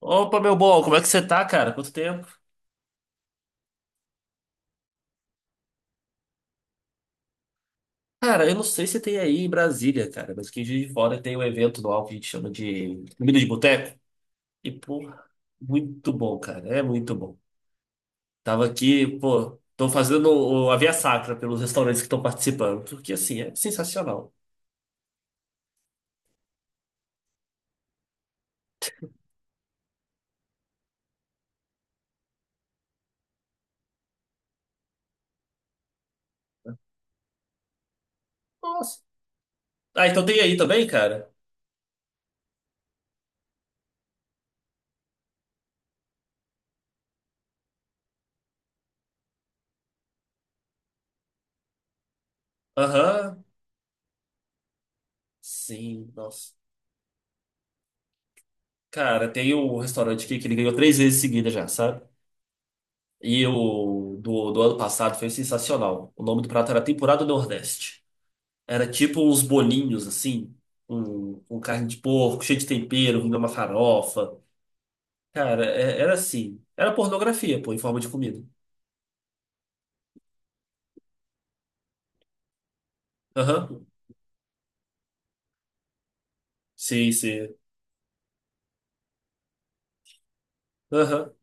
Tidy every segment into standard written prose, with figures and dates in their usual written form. Opa, meu bom, como é que você tá, cara? Quanto tempo? Cara, eu não sei se tem aí em Brasília, cara, mas aqui em Juiz de Fora tem um evento anual que a gente chama de Comida de Boteco. E, pô, muito bom, cara, é muito bom. Tava aqui, pô, tô fazendo a via sacra pelos restaurantes que estão participando, porque, assim, é sensacional. Nossa. Ah, então tem aí também, cara? Aham, sim, nossa. Cara, tem um restaurante aqui que ele ganhou três vezes seguida já, sabe? E o do ano passado foi sensacional. O nome do prato era Tempurá do Nordeste. Era tipo uns bolinhos, assim, com carne de porco, cheio de tempero, vindo uma farofa. Cara, era assim. Era pornografia, pô, em forma de comida. Aham. Sim, sim. Aham.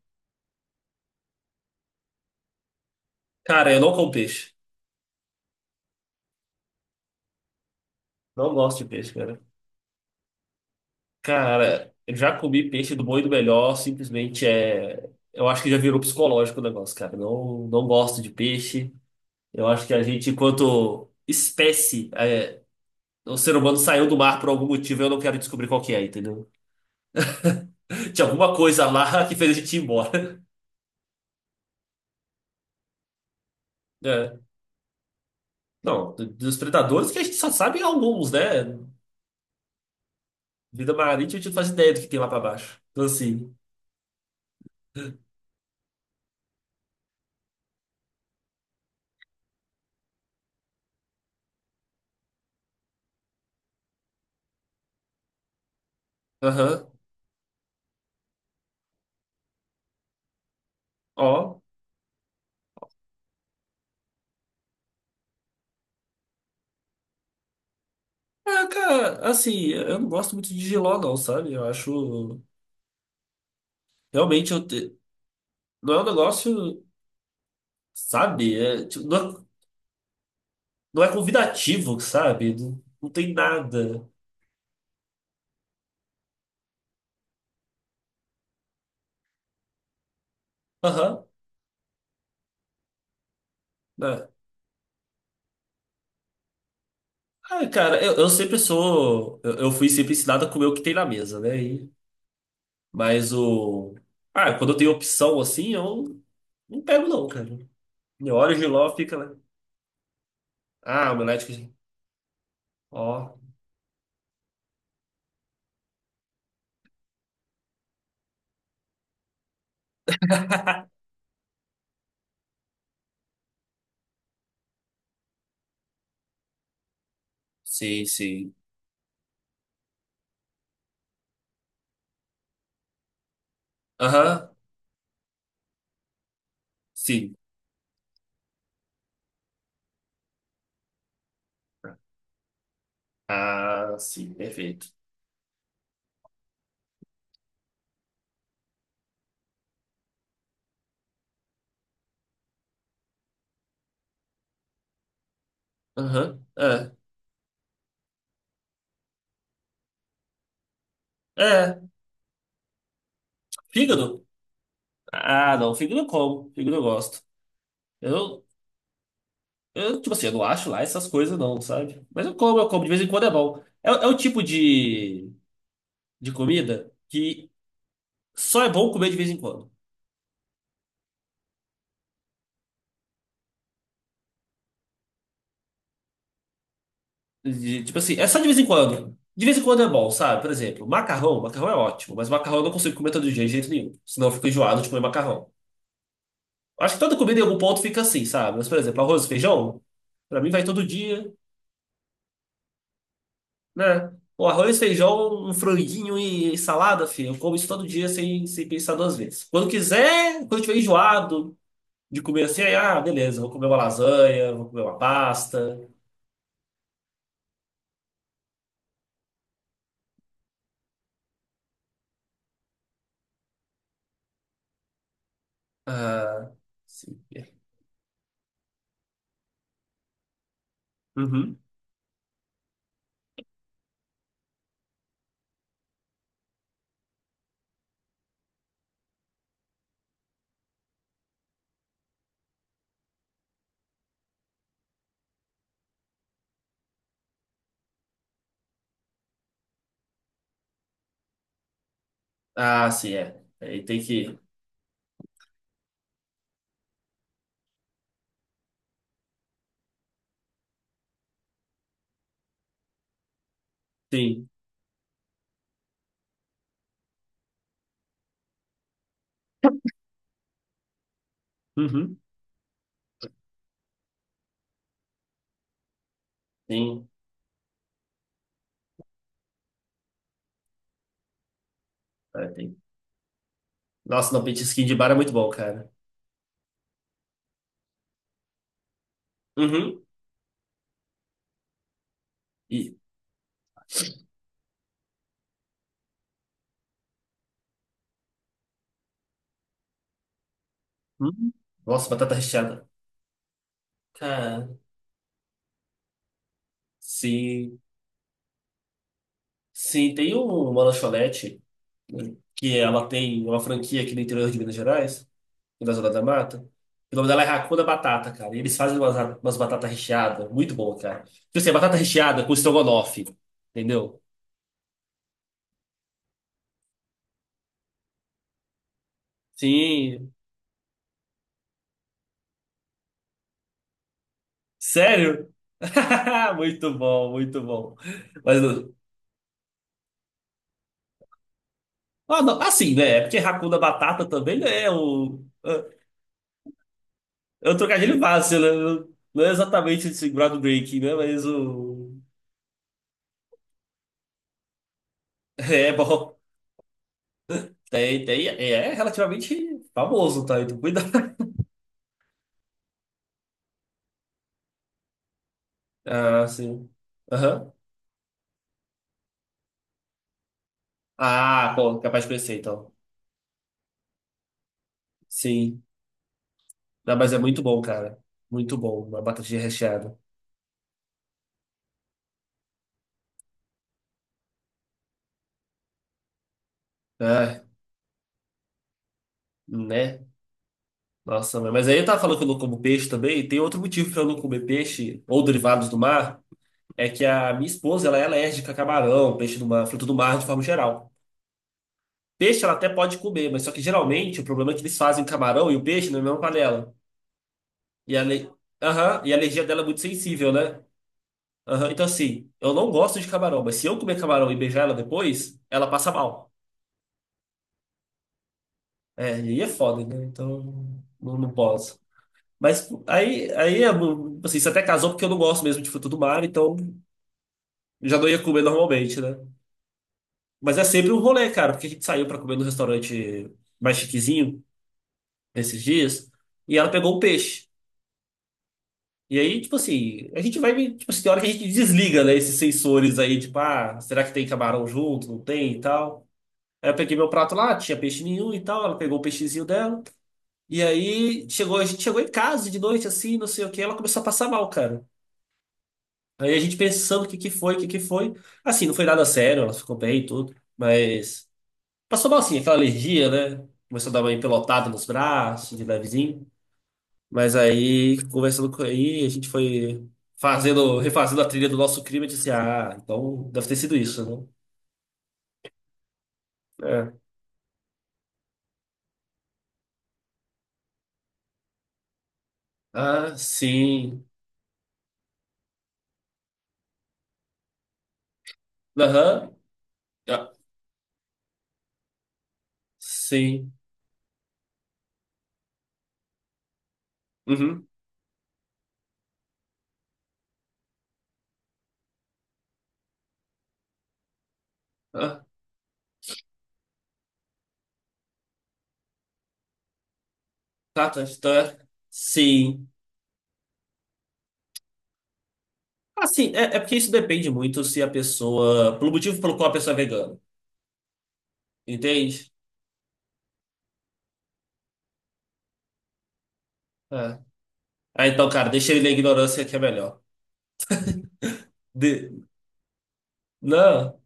Cara, eu não como peixe. Não gosto de peixe, cara. Cara, eu já comi peixe do bom e do melhor, simplesmente é. Eu acho que já virou psicológico o negócio, cara. Não, não gosto de peixe. Eu acho que a gente, enquanto espécie, é, o ser humano saiu do mar por algum motivo, eu não quero descobrir qual que é, entendeu? Tinha alguma coisa lá que fez a gente ir embora. É. Não, dos predadores que a gente só sabe alguns, né? Vida marítima, a gente não faz ideia do que tem lá pra baixo. Então, assim, aham, ó. Ah, cara, assim, eu não gosto muito de Giló, não, sabe? Eu acho. Realmente, não é um negócio, sabe? É, tipo, não é, não é convidativo, sabe? Não, não tem nada. Aham, né? Ah, cara, eu sempre sou. Eu fui sempre ensinado a comer o que tem na mesa, né? E- mas o. Ah, quando eu tenho opção assim, eu não pego, não, cara. Eu olho o giló, fica lá. Ah, omelete. Ó. Sim, sim. Aham, sim. Ah, sim, perfeito. Aham, é. É, fígado? Ah, não, fígado eu como, fígado eu gosto. Eu, eu, tipo assim, eu não acho lá essas coisas não, sabe? Mas eu como, de vez em quando é bom. É, é o tipo de comida que só é bom comer de vez em quando. De- tipo assim, é só de vez em quando. De vez em quando é bom, sabe? Por exemplo, macarrão. Macarrão é ótimo, mas macarrão eu não consigo comer todo dia de jeito nenhum. Senão eu fico enjoado de comer macarrão. Acho que toda comida em algum ponto fica assim, sabe? Mas, por exemplo, arroz e feijão, pra mim vai todo dia, né? O arroz, feijão, um franguinho e salada, filho. Eu como isso todo dia sem pensar duas vezes. Quando quiser, quando eu tiver enjoado de comer assim, aí, ah, beleza, vou comer uma lasanha, vou comer uma pasta. Ah, sim. Uhum. Ah, sim, é. Aí tem que. Sim. Uhum. Sim. Ah, tem. Nossa, não, petisquinho de bar é muito bom, cara. Uhum. E. Uhum. Nossa, batata recheada. Cara, sim. Sim, tem uma lanchonete, né, que ela tem uma franquia aqui no interior de Minas Gerais, na Zona da Mata. O nome dela é Racuda Batata, cara. E eles fazem umas, batatas recheadas. Muito bom, cara. Tipo assim, batata recheada com estrogonofe. Entendeu? Sim. Sério? Muito bom, muito bom. Mas, ah, não, assim, né? É porque Hakuna Batata também não é o. É um trocadilho fácil, né? Não é exatamente esse groundbreaking, né? Mas o. É bom. Tem, tem, é relativamente famoso, tá? Então, cuidado. Ah, sim. Aham. Ah, pô, capaz de conhecer, então. Sim. Não, mas é muito bom, cara. Muito bom. Uma batatinha recheada. Ah, né? Nossa, mãe, mas aí eu tava falando que eu não como peixe também. Tem outro motivo pra eu não comer peixe ou derivados do mar, é que a minha esposa ela é alérgica a camarão, peixe do mar, fruto do mar de forma geral. Peixe ela até pode comer, mas só que geralmente o problema é que eles fazem camarão e o peixe na mesma panela. E a, ale... Aham, e a alergia dela é muito sensível, né? Aham, então assim, eu não gosto de camarão, mas se eu comer camarão e beijar ela depois, ela passa mal. É, e aí é foda, né? Então não, não posso. Mas aí, é, tipo assim, você até casou porque eu não gosto mesmo de fruto do mar, então já não ia comer normalmente, né? Mas é sempre um rolê, cara, porque a gente saiu pra comer no restaurante mais chiquezinho esses dias e ela pegou um peixe. E aí, tipo assim, a gente vai, tipo assim, tem hora que a gente desliga, né, esses sensores aí, tipo, ah, será que tem camarão junto? Não tem e tal. Aí eu peguei meu prato lá, tinha peixe nenhum e tal, ela pegou o peixezinho dela. E aí chegou, a gente chegou em casa de noite assim, não sei o que, ela começou a passar mal, cara. Aí a gente pensando o que que foi, o que que foi. Assim, não foi nada sério, ela ficou bem e tudo, mas passou mal sim, aquela alergia, né? Começou a dar uma empelotada nos braços, de levezinho. Mas aí, conversando com aí, a gente foi fazendo, refazendo a trilha do nosso crime e disse, ah, então deve ter sido isso, né? É. Ah, sim. Aham. Ah, sim. Uhum. Ah, tá, tá, tá, tá. Sim. Assim, é, é porque isso depende muito se a pessoa. Pelo motivo pelo qual a pessoa é vegana. Entende? É. Ah, então, cara, deixa ele na ignorância que é melhor. De... Não.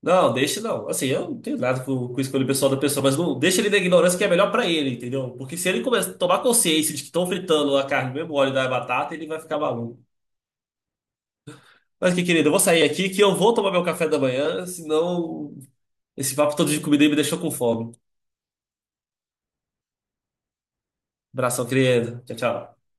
Não, deixa não. Assim, eu não tenho nada com, com a escolha pessoal da pessoa, mas não deixa ele na ignorância que é melhor pra ele, entendeu? Porque se ele começar a tomar consciência de que estão fritando a carne no mesmo óleo da batata, ele vai ficar maluco. Mas que querido, eu vou sair aqui que eu vou tomar meu café da manhã, senão esse papo todo de comida aí me deixou com fome. Abração, querido. Tchau, tchau.